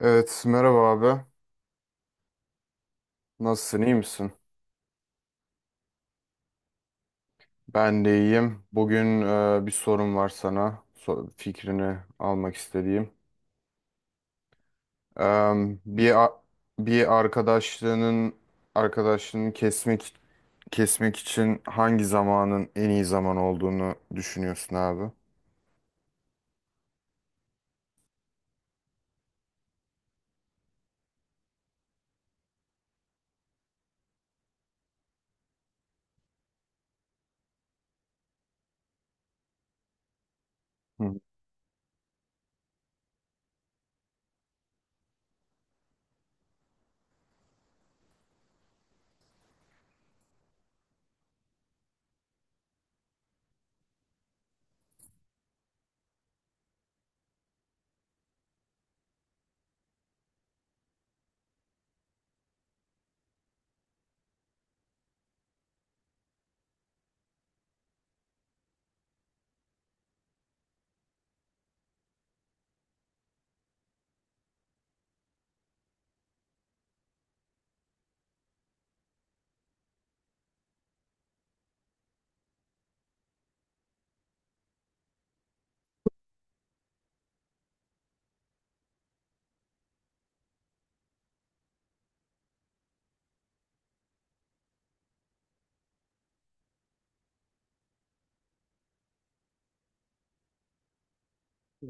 Evet, merhaba abi. Nasılsın, iyi misin? Ben de iyiyim. Bugün bir sorum var sana. Fikrini almak istediğim. Em, bir a- bir arkadaşlığının arkadaşlığını kesmek için hangi zamanın en iyi zaman olduğunu düşünüyorsun abi? Hı.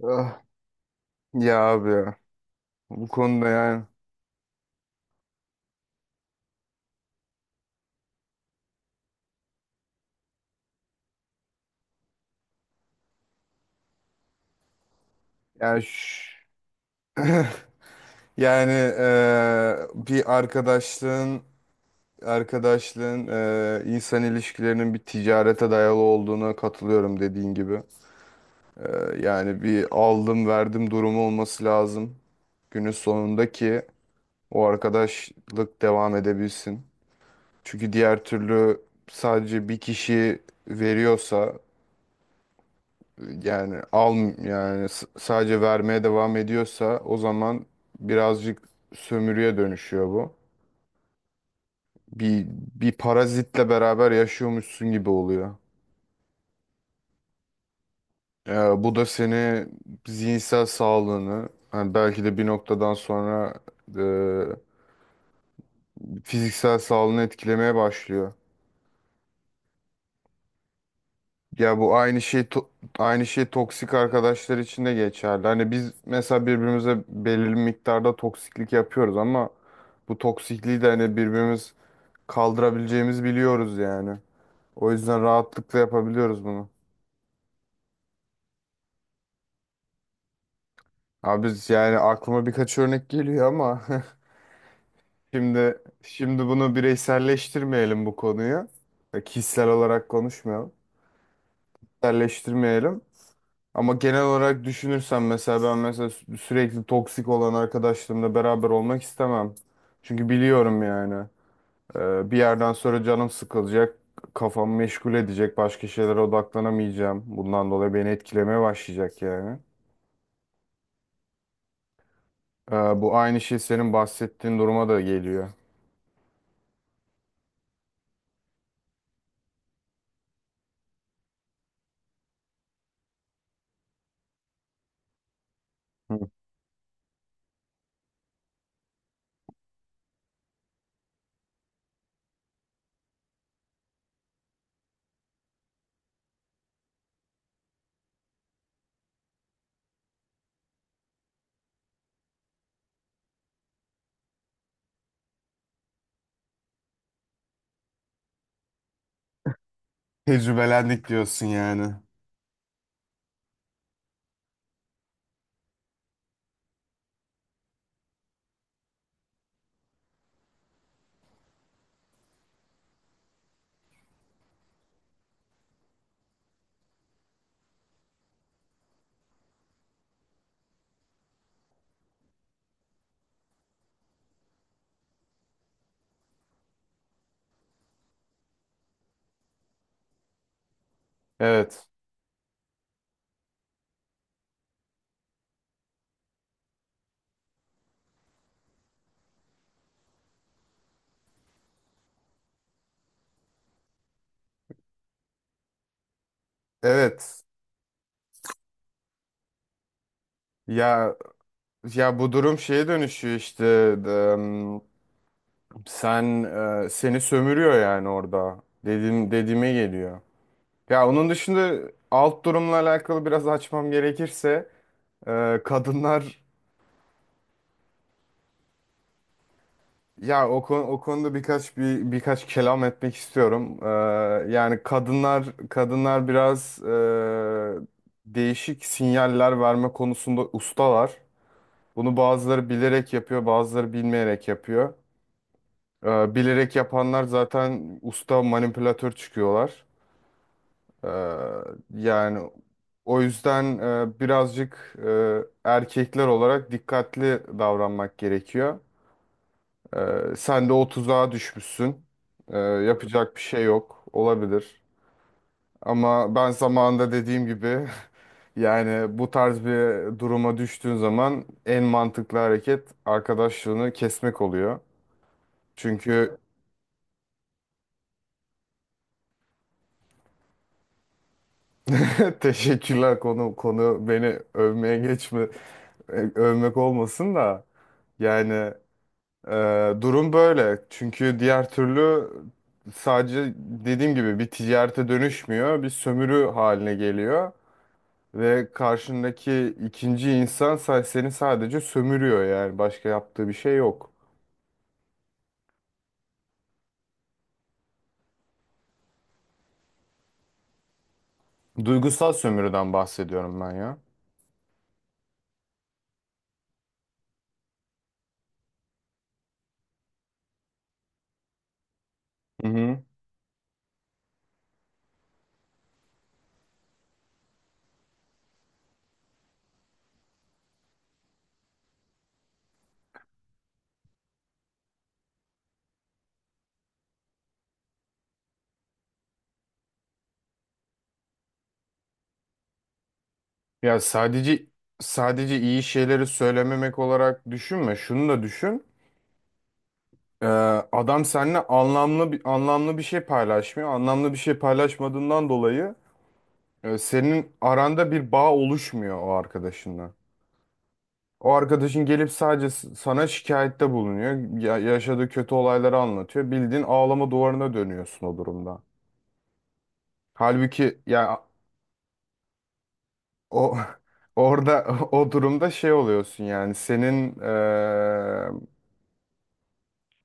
Ah, ya abi ya. Bu konuda, yani ş- yani bir arkadaşlığın, insan ilişkilerinin bir ticarete dayalı olduğuna katılıyorum dediğin gibi. E, Yani bir aldım verdim durumu olması lazım. Günün sonunda ki o arkadaşlık devam edebilsin. Çünkü diğer türlü sadece bir kişi veriyorsa, yani al sadece vermeye devam ediyorsa o zaman birazcık sömürüye dönüşüyor bu. Bir bir parazitle beraber yaşıyormuşsun gibi oluyor. Ya bu da seni zihinsel sağlığını, hani belki de bir noktadan sonra fiziksel sağlığını etkilemeye başlıyor. Ya bu aynı şey toksik arkadaşlar için de geçerli. Hani biz mesela birbirimize belirli miktarda toksiklik yapıyoruz ama bu toksikliği de hani birbirimiz kaldırabileceğimizi biliyoruz yani. O yüzden rahatlıkla yapabiliyoruz bunu. Abi biz yani aklıma birkaç örnek geliyor ama Şimdi bunu bireyselleştirmeyelim bu konuyu. Kişisel olarak konuşmayalım. Bireyselleştirmeyelim. Ama genel olarak düşünürsen mesela ben mesela sürekli toksik olan arkadaşlarımla beraber olmak istemem. Çünkü biliyorum yani, bir yerden sonra canım sıkılacak, kafam meşgul edecek, başka şeylere odaklanamayacağım. Bundan dolayı beni etkilemeye başlayacak yani. E, Bu aynı şey senin bahsettiğin duruma da geliyor. Hı. Tecrübelendik diyorsun yani. Evet. Evet. Ya ya bu durum şeye dönüşüyor işte, em, sen seni sömürüyor yani, orada dediğime geliyor. Ya onun dışında alt durumla alakalı biraz açmam gerekirse, kadınlar, ya o konuda birkaç kelam etmek istiyorum. Yani kadınlar biraz değişik sinyaller verme konusunda ustalar. Bunu bazıları bilerek yapıyor, bazıları bilmeyerek yapıyor. Bilerek yapanlar zaten usta manipülatör çıkıyorlar. Ee, yani o yüzden birazcık erkekler olarak dikkatli davranmak gerekiyor. Sen de o tuzağa düşmüşsün. Yapacak bir şey yok. Olabilir. Ama ben zamanında dediğim gibi, yani bu tarz bir duruma düştüğün zaman en mantıklı hareket arkadaşlığını kesmek oluyor. Çünkü... Teşekkürler. Konu beni övmeye geçme. Övmek olmasın da yani, e, durum böyle çünkü diğer türlü sadece dediğim gibi bir ticarete dönüşmüyor, bir sömürü haline geliyor ve karşındaki ikinci insan seni sadece sömürüyor, yani başka yaptığı bir şey yok. Duygusal sömürüden bahsediyorum ben ya. Hı hı. Ya sadece iyi şeyleri söylememek olarak düşünme, şunu da düşün. Ee, adam seninle anlamlı bir şey paylaşmıyor. Anlamlı bir şey paylaşmadığından dolayı senin aranda bir bağ oluşmuyor o arkadaşınla. O arkadaşın gelip sadece sana şikayette bulunuyor. Yaşadığı kötü olayları anlatıyor. Bildiğin ağlama duvarına dönüyorsun o durumda. Halbuki ya o orada o durumda şey oluyorsun, yani senin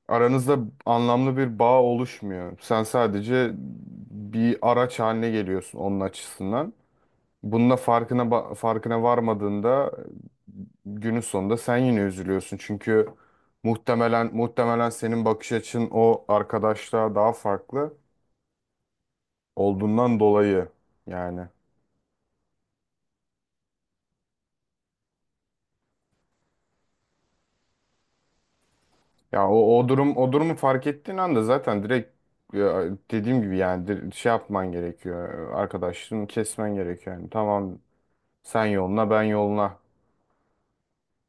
aranızda anlamlı bir bağ oluşmuyor. Sen sadece bir araç haline geliyorsun onun açısından. Bununla farkına varmadığında, günün sonunda sen yine üzülüyorsun. Çünkü muhtemelen senin bakış açın o arkadaşlığa daha farklı olduğundan dolayı yani. Ya o durumu fark ettiğin anda zaten direkt, ya, dediğim gibi yani, şey yapman gerekiyor. Arkadaşlığını kesmen gerekiyor. Yani tamam, sen yoluna ben yoluna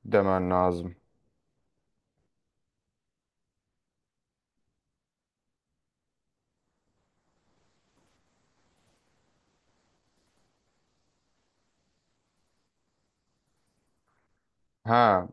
demen lazım. Ha.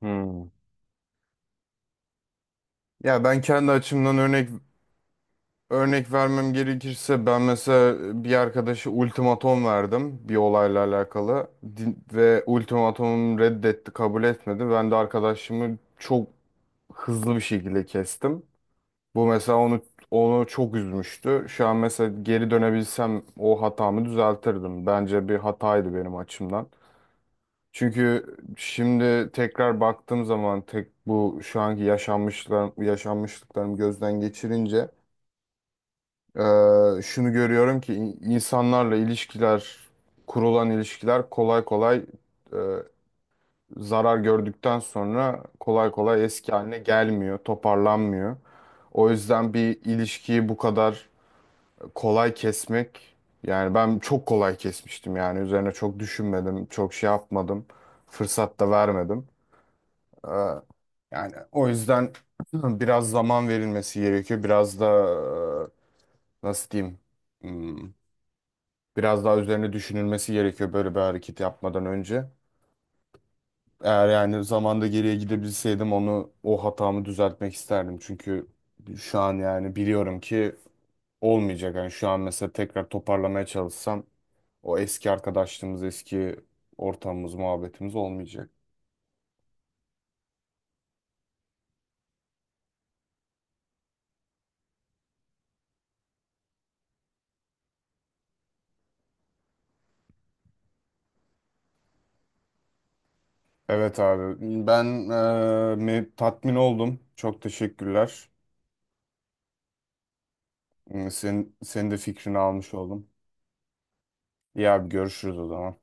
Hmm. Ya ben kendi açımdan örnek vermem gerekirse, ben mesela bir arkadaşa ultimatom verdim bir olayla alakalı. Ve ultimatomum reddetti, kabul etmedi. Ben de arkadaşımı çok hızlı bir şekilde kestim. Bu mesela onu çok üzmüştü. Şu an mesela geri dönebilsem o hatamı düzeltirdim. Bence bir hataydı benim açımdan. Çünkü şimdi tekrar baktığım zaman, tek bu şu anki yaşanmışlıklarımı gözden geçirince, e, şunu görüyorum ki insanlarla ilişkiler, kurulan ilişkiler kolay kolay, e, zarar gördükten sonra kolay kolay eski haline gelmiyor, toparlanmıyor. O yüzden bir ilişkiyi bu kadar kolay kesmek, yani ben çok kolay kesmiştim, yani üzerine çok düşünmedim, çok şey yapmadım, fırsat da vermedim. Ee, Yani o yüzden biraz zaman verilmesi gerekiyor. Biraz da nasıl diyeyim? Hmm, Biraz daha üzerine düşünülmesi gerekiyor böyle bir hareket yapmadan önce. Eğer yani zamanda geriye gidebilseydim o hatamı düzeltmek isterdim. Çünkü şu an yani biliyorum ki olmayacak. Yani şu an mesela tekrar toparlamaya çalışsam o eski arkadaşlığımız, eski ortamımız, muhabbetimiz olmayacak. Evet abi, ben tatmin oldum. Çok teşekkürler. Senin de fikrini almış oldum. İyi abi, görüşürüz o zaman.